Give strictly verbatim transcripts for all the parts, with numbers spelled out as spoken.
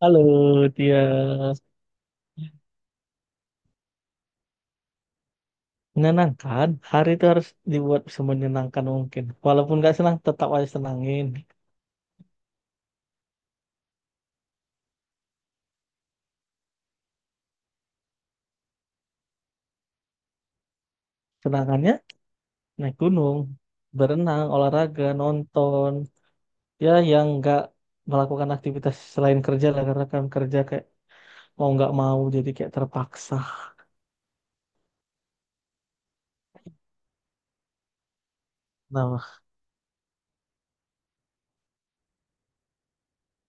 Halo, dia menyenangkan. Hari itu harus dibuat semenyenangkan mungkin. Walaupun nggak senang, tetap aja senangin. Senangannya naik gunung, berenang, olahraga, nonton. Ya, yang nggak melakukan aktivitas selain kerja lah, karena kan kerja kayak mau nggak mau jadi kayak terpaksa. Nah,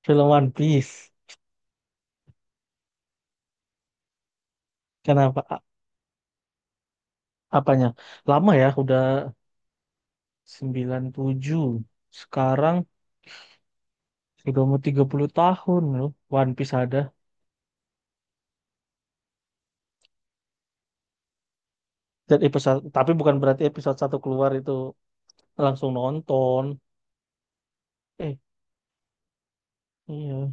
film One Piece. Kenapa? A- Apanya? Lama ya, udah sembilan puluh tujuh. Sekarang sudah mau tiga puluh tahun loh, One Piece ada. Dan episode, tapi bukan berarti episode satu keluar itu langsung nonton. Eh, iya.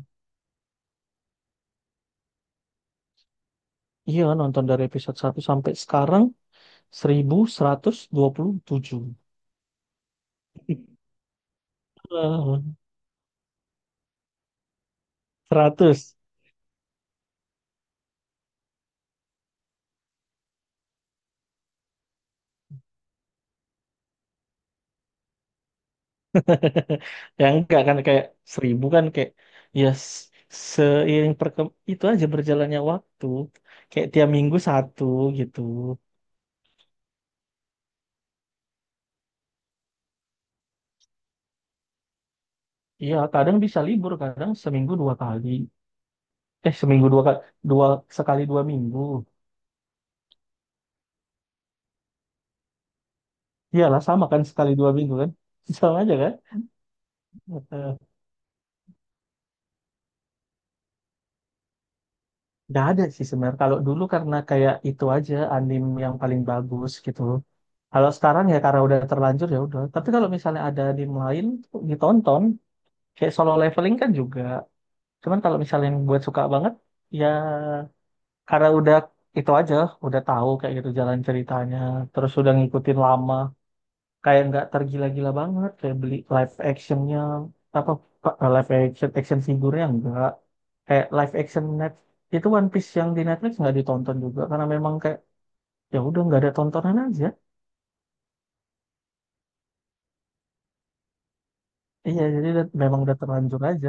Iya, nonton dari episode satu sampai sekarang seribu seratus dua puluh tujuh. Eh, seratus. Ya enggak, kan kayak seribu kan kayak ya s- seiring perkem itu aja berjalannya waktu. Kayak tiap minggu satu gitu. Iya, kadang bisa libur, kadang seminggu dua kali. Eh, seminggu dua kali, dua, sekali dua minggu. Iyalah sama kan, sekali dua minggu kan. Sama aja kan. Eh, Nggak ada sih sebenarnya. Kalau dulu karena kayak itu aja anime yang paling bagus gitu. Kalau sekarang ya karena udah terlanjur ya udah. Tapi kalau misalnya ada anime lain tuh ditonton. Kayak solo leveling kan juga. Cuman kalau misalnya yang buat suka banget, ya karena udah itu aja, udah tahu kayak gitu jalan ceritanya, terus udah ngikutin lama, kayak nggak tergila-gila banget kayak beli live actionnya apa, pa- live action, action figurnya enggak, kayak live action net itu, One Piece yang di Netflix nggak ditonton juga karena memang kayak ya udah nggak ada tontonan aja. Iya, jadi udah- memang udah terlanjur aja.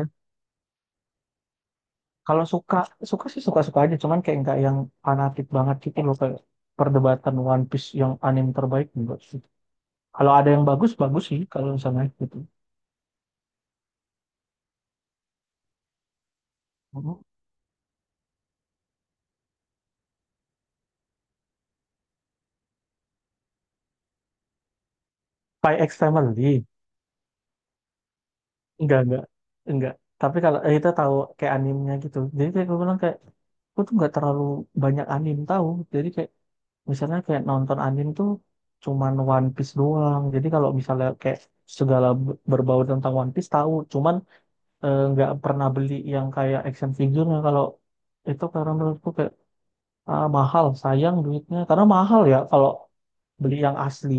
Kalau suka, suka sih, suka suka aja, cuman kayak nggak yang fanatik banget gitu loh, kayak perdebatan One Piece yang anime terbaik enggak sih, kalau ada yang bagus bagus sih kalau misalnya gitu. Mhm. Spy X Family. Enggak, enggak, enggak. Tapi kalau eh, kita tahu kayak animenya gitu. Jadi kayak gue bilang, kayak gue tuh nggak terlalu banyak anim tahu. Jadi kayak misalnya kayak nonton anim tuh cuman One Piece doang. Jadi kalau misalnya kayak segala b- berbau tentang One Piece tahu, cuman eh, nggak pernah beli yang kayak action figure kalau itu karena menurutku kayak ah, mahal, sayang duitnya. Karena mahal ya kalau beli yang asli.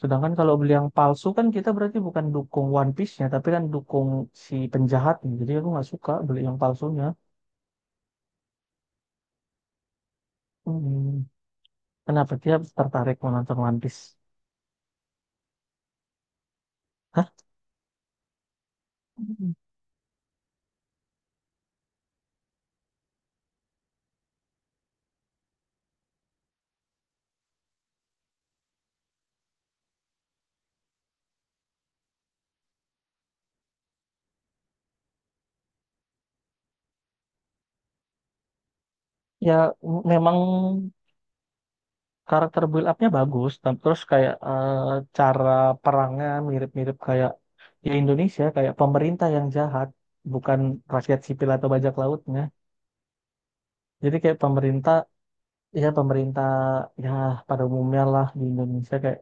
Sedangkan kalau beli yang palsu kan kita berarti bukan dukung One Piece-nya, tapi kan dukung si penjahatnya. Jadi aku nggak suka beli yang palsunya. Hmm. Kenapa dia tertarik menonton One Piece? Hah? Hmm. Ya m- memang karakter build up-nya bagus, dan terus kayak eh, cara perangnya mirip-mirip kayak ya Indonesia, kayak pemerintah yang jahat, bukan rakyat sipil atau bajak lautnya. Jadi kayak pemerintah, ya pemerintah ya, pada umumnya lah di Indonesia kayak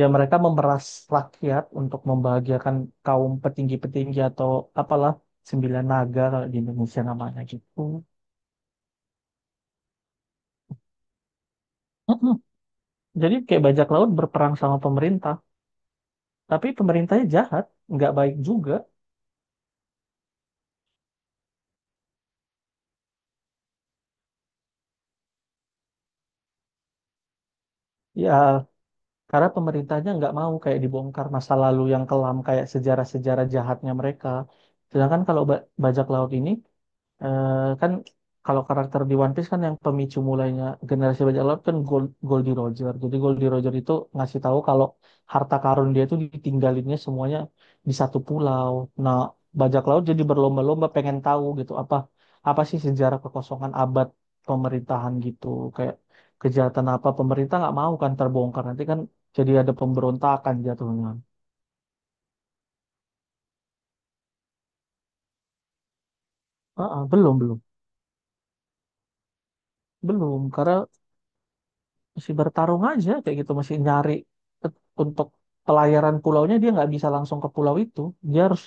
ya mereka memeras rakyat untuk membahagiakan kaum petinggi-petinggi atau apalah, sembilan naga kalau di Indonesia namanya gitu. Mm-mm. Jadi kayak bajak laut berperang sama pemerintah, tapi pemerintahnya jahat, nggak baik juga. Ya karena pemerintahnya nggak mau kayak dibongkar masa lalu yang kelam kayak sejarah-sejarah jahatnya mereka. Sedangkan kalau ba- bajak laut ini, Eh, kan kalau karakter di One Piece kan yang pemicu mulainya generasi bajak laut kan Gold, Goldie Roger. Jadi Goldie Roger itu ngasih tahu kalau harta karun dia itu ditinggalinnya semuanya di satu pulau. Nah, bajak laut jadi berlomba-lomba pengen tahu gitu, apa apa sih sejarah kekosongan abad pemerintahan gitu. Kayak kejahatan apa, pemerintah nggak mau kan terbongkar. Nanti kan jadi ada pemberontakan jatuhnya. Ah, ah, belum belum belum karena masih bertarung aja kayak gitu, masih nyari ke- untuk pelayaran pulaunya, dia nggak bisa langsung ke pulau itu, dia harus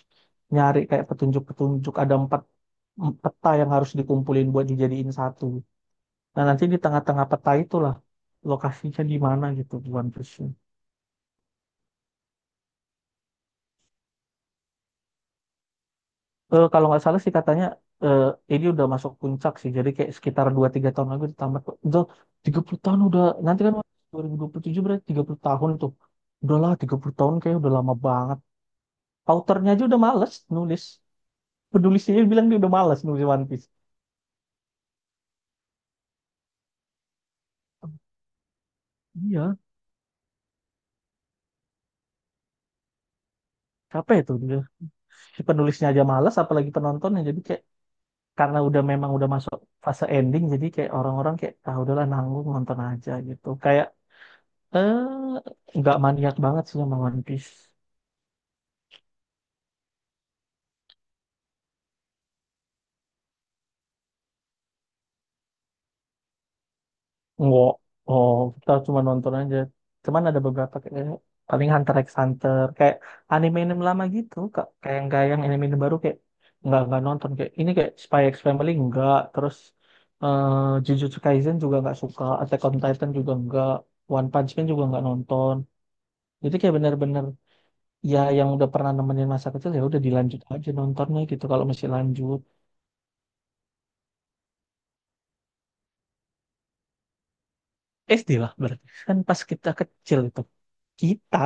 nyari kayak petunjuk-petunjuk, ada empat em- peta yang harus dikumpulin buat dijadiin satu, nah nanti di tengah-tengah peta itulah lokasinya di mana gitu di One Piece. Eh, kalau nggak salah sih katanya eh, ini udah masuk puncak sih, jadi kayak sekitar dua tiga tahun lagi udah tamat kok. Udah tiga puluh tahun udah nanti kan dua ribu dua puluh tujuh, berarti tiga puluh tahun tuh, udahlah tiga puluh tahun kayak udah lama banget. Autornya aja udah males nulis. Penulisnya bilang dia udah males nulis One Piece. Iya, capek itu. Si penulisnya aja males, apalagi penontonnya. Jadi kayak karena udah, memang udah masuk fase ending, jadi kayak orang-orang kayak ah udahlah nanggung nonton aja gitu. Kayak eh nggak maniak banget sih sama One Piece. Enggak. Oh, kita cuma nonton aja. Cuman ada beberapa kayak paling Hunter x Hunter, kayak anime-anime lama gitu, Kak. Kayak yang kayak yang anime-anime baru kayak nggak nggak nonton, kayak ini kayak Spy x Family enggak, terus eh, Jujutsu Kaisen juga nggak suka, Attack on Titan juga enggak, One Punch Man juga nggak nonton. Jadi kayak bener-bener ya yang udah pernah nemenin masa kecil ya udah dilanjut aja nontonnya gitu kalau masih lanjut. S D lah, berarti kan pas kita kecil itu kita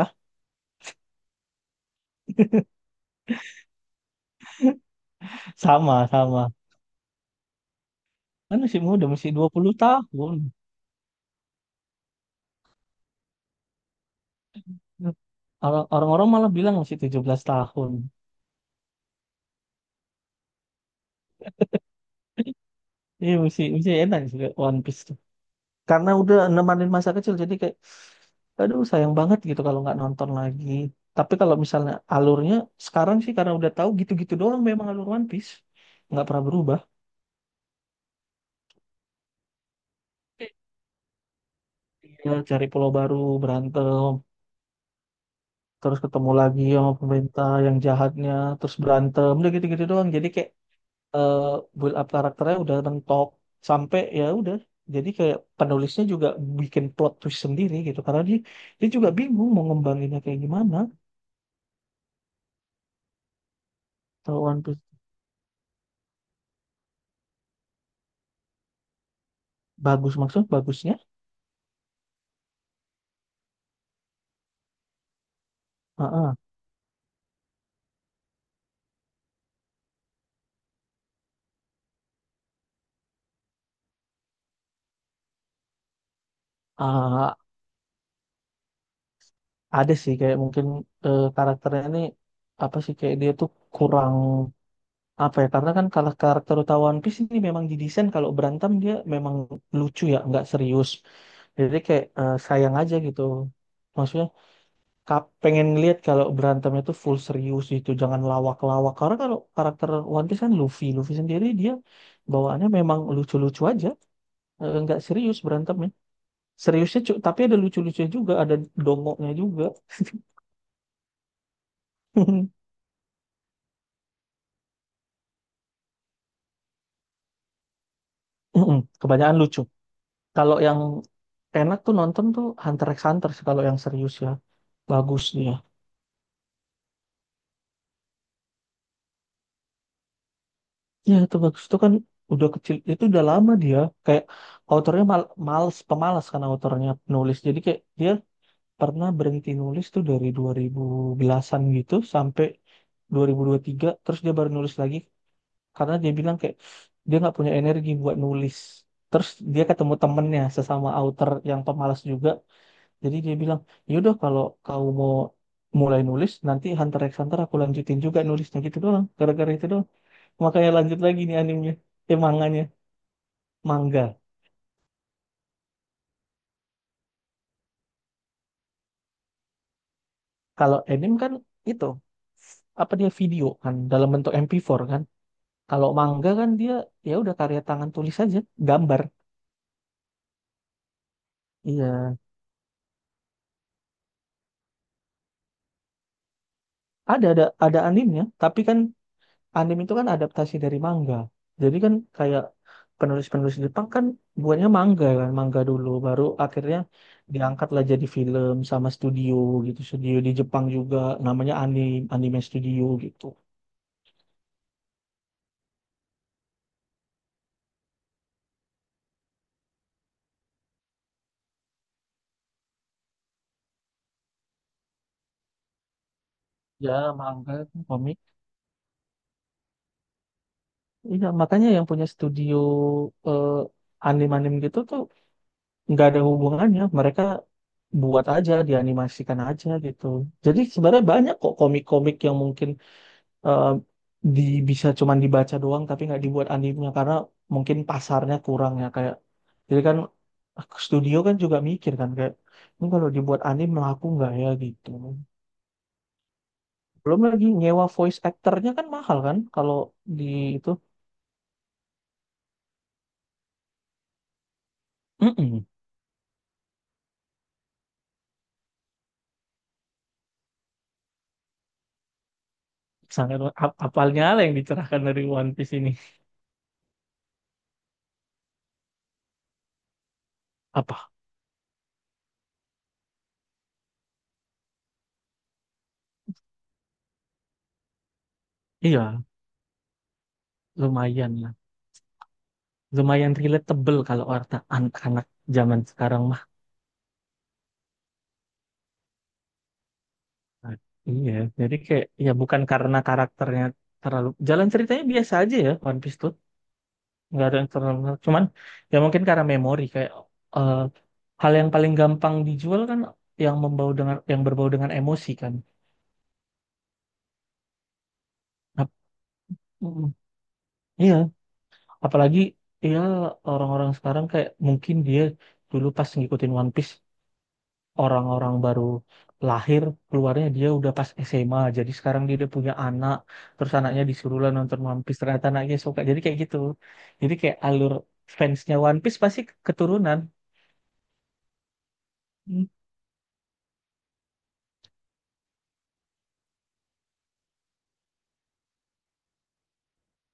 sama sama. Kan masih muda, masih dua puluh tahun. Orang- Orang-orang malah bilang masih tujuh belas tahun. Iya, masih, masih enak sih One Piece tuh. Karena udah nemanin masa kecil, jadi kayak, aduh sayang banget gitu kalau nggak nonton lagi. Tapi kalau misalnya alurnya sekarang sih, karena udah tahu gitu-gitu doang memang alur One Piece. Nggak pernah berubah. Ya, cari pulau baru, berantem, terus ketemu lagi sama pemerintah yang jahatnya, terus berantem, udah gitu-gitu doang. Jadi kayak eh build up karakternya udah mentok sampai ya udah, jadi kayak penulisnya juga bikin plot twist sendiri gitu karena dia, dia juga bingung mau ngembanginnya kayak gimana. Kalau One Piece bagus, maksudnya bagusnya, heeh. Ah, ada sih kayak mungkin eh, karakternya ini apa sih, kayak dia tuh kurang apa ya, karena kan kalau karakter utama One Piece ini memang didesain kalau berantem dia memang lucu ya nggak serius, jadi kayak eh, sayang aja gitu, maksudnya Kap pengen lihat kalau berantemnya tuh full serius gitu, jangan lawak-lawak. Karena kalau karakter One Piece kan Luffy, Luffy sendiri dia bawaannya memang lucu-lucu aja. Eh, nggak serius berantemnya. Seriusnya cu- tapi ada lucu-lucunya juga, ada dongoknya juga. Mm-mm, kebanyakan lucu. Kalau yang enak tuh nonton tuh Hunter x Hunter sih kalau yang serius ya. Bagus dia. Ya itu bagus itu kan udah kecil itu udah lama dia, kayak autornya mal males, pemalas kan autornya, penulis. Jadi kayak dia pernah berhenti nulis tuh dari dua ribu an gitu sampai dua ribu dua ribu tiga, terus dia baru nulis lagi karena dia bilang kayak dia nggak punya energi buat nulis, terus dia ketemu temennya sesama author yang pemalas juga, jadi dia bilang yaudah kalau kau mau mulai nulis nanti Hunter x Hunter aku lanjutin juga nulisnya, gitu doang, gara-gara itu doang makanya lanjut lagi nih animenya, eh manganya, manga. Kalau anime kan itu apa, dia video kan dalam bentuk M P empat kan. Kalau manga kan dia ya udah karya tangan tulis aja, gambar. Iya, ada ada ada animnya, tapi kan anime itu kan adaptasi dari manga. Jadi kan kayak penulis-penulis Jepang kan buatnya manga kan, manga dulu baru akhirnya diangkatlah jadi film sama studio gitu, studio di Jepang juga namanya anime anime studio gitu. Ya, manga, komik. Iya, makanya yang punya studio eh, anime-anime gitu tuh nggak ada hubungannya, mereka buat aja, dianimasikan aja gitu. Jadi sebenarnya banyak kok komik-komik yang mungkin eh, di bisa cuman dibaca doang tapi nggak dibuat anime karena mungkin pasarnya kurang ya kayak, jadi kan studio kan juga mikir kan kayak ini kalau dibuat anim laku nggak ya gitu, belum lagi nyewa voice actornya kan mahal kan kalau di itu. Mm-mm. Sangat ap- apalnya lah yang dicerahkan dari One Piece ini apa. Iya, lumayan, lumayan relatable kalau warta anak-anak zaman sekarang mah. Nah, iya, jadi kayak ya bukan karena karakternya, terlalu jalan ceritanya biasa aja ya One Piece tuh, nggak ada yang terlalu menarik. Cuman ya mungkin karena memori kayak eh, hal yang paling gampang dijual kan yang membau dengan, yang berbau dengan emosi kan. Ap- mm, iya, apalagi ya orang-orang sekarang kayak mungkin dia dulu pas ngikutin One Piece orang-orang baru lahir keluarnya, dia udah pas S M A, jadi sekarang dia udah punya anak, terus anaknya disuruh lah nonton One Piece, ternyata anaknya suka, jadi kayak gitu. Jadi kayak alur fansnya One Piece pasti keturunan. Hmm,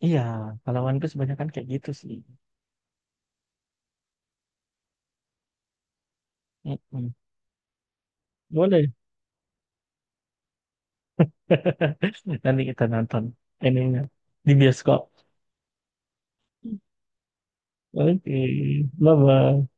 iya kalau One Piece banyak kan kayak gitu sih. Mm-mm. Boleh. Nanti kita nonton ininya di bioskop. Oke, bye bye.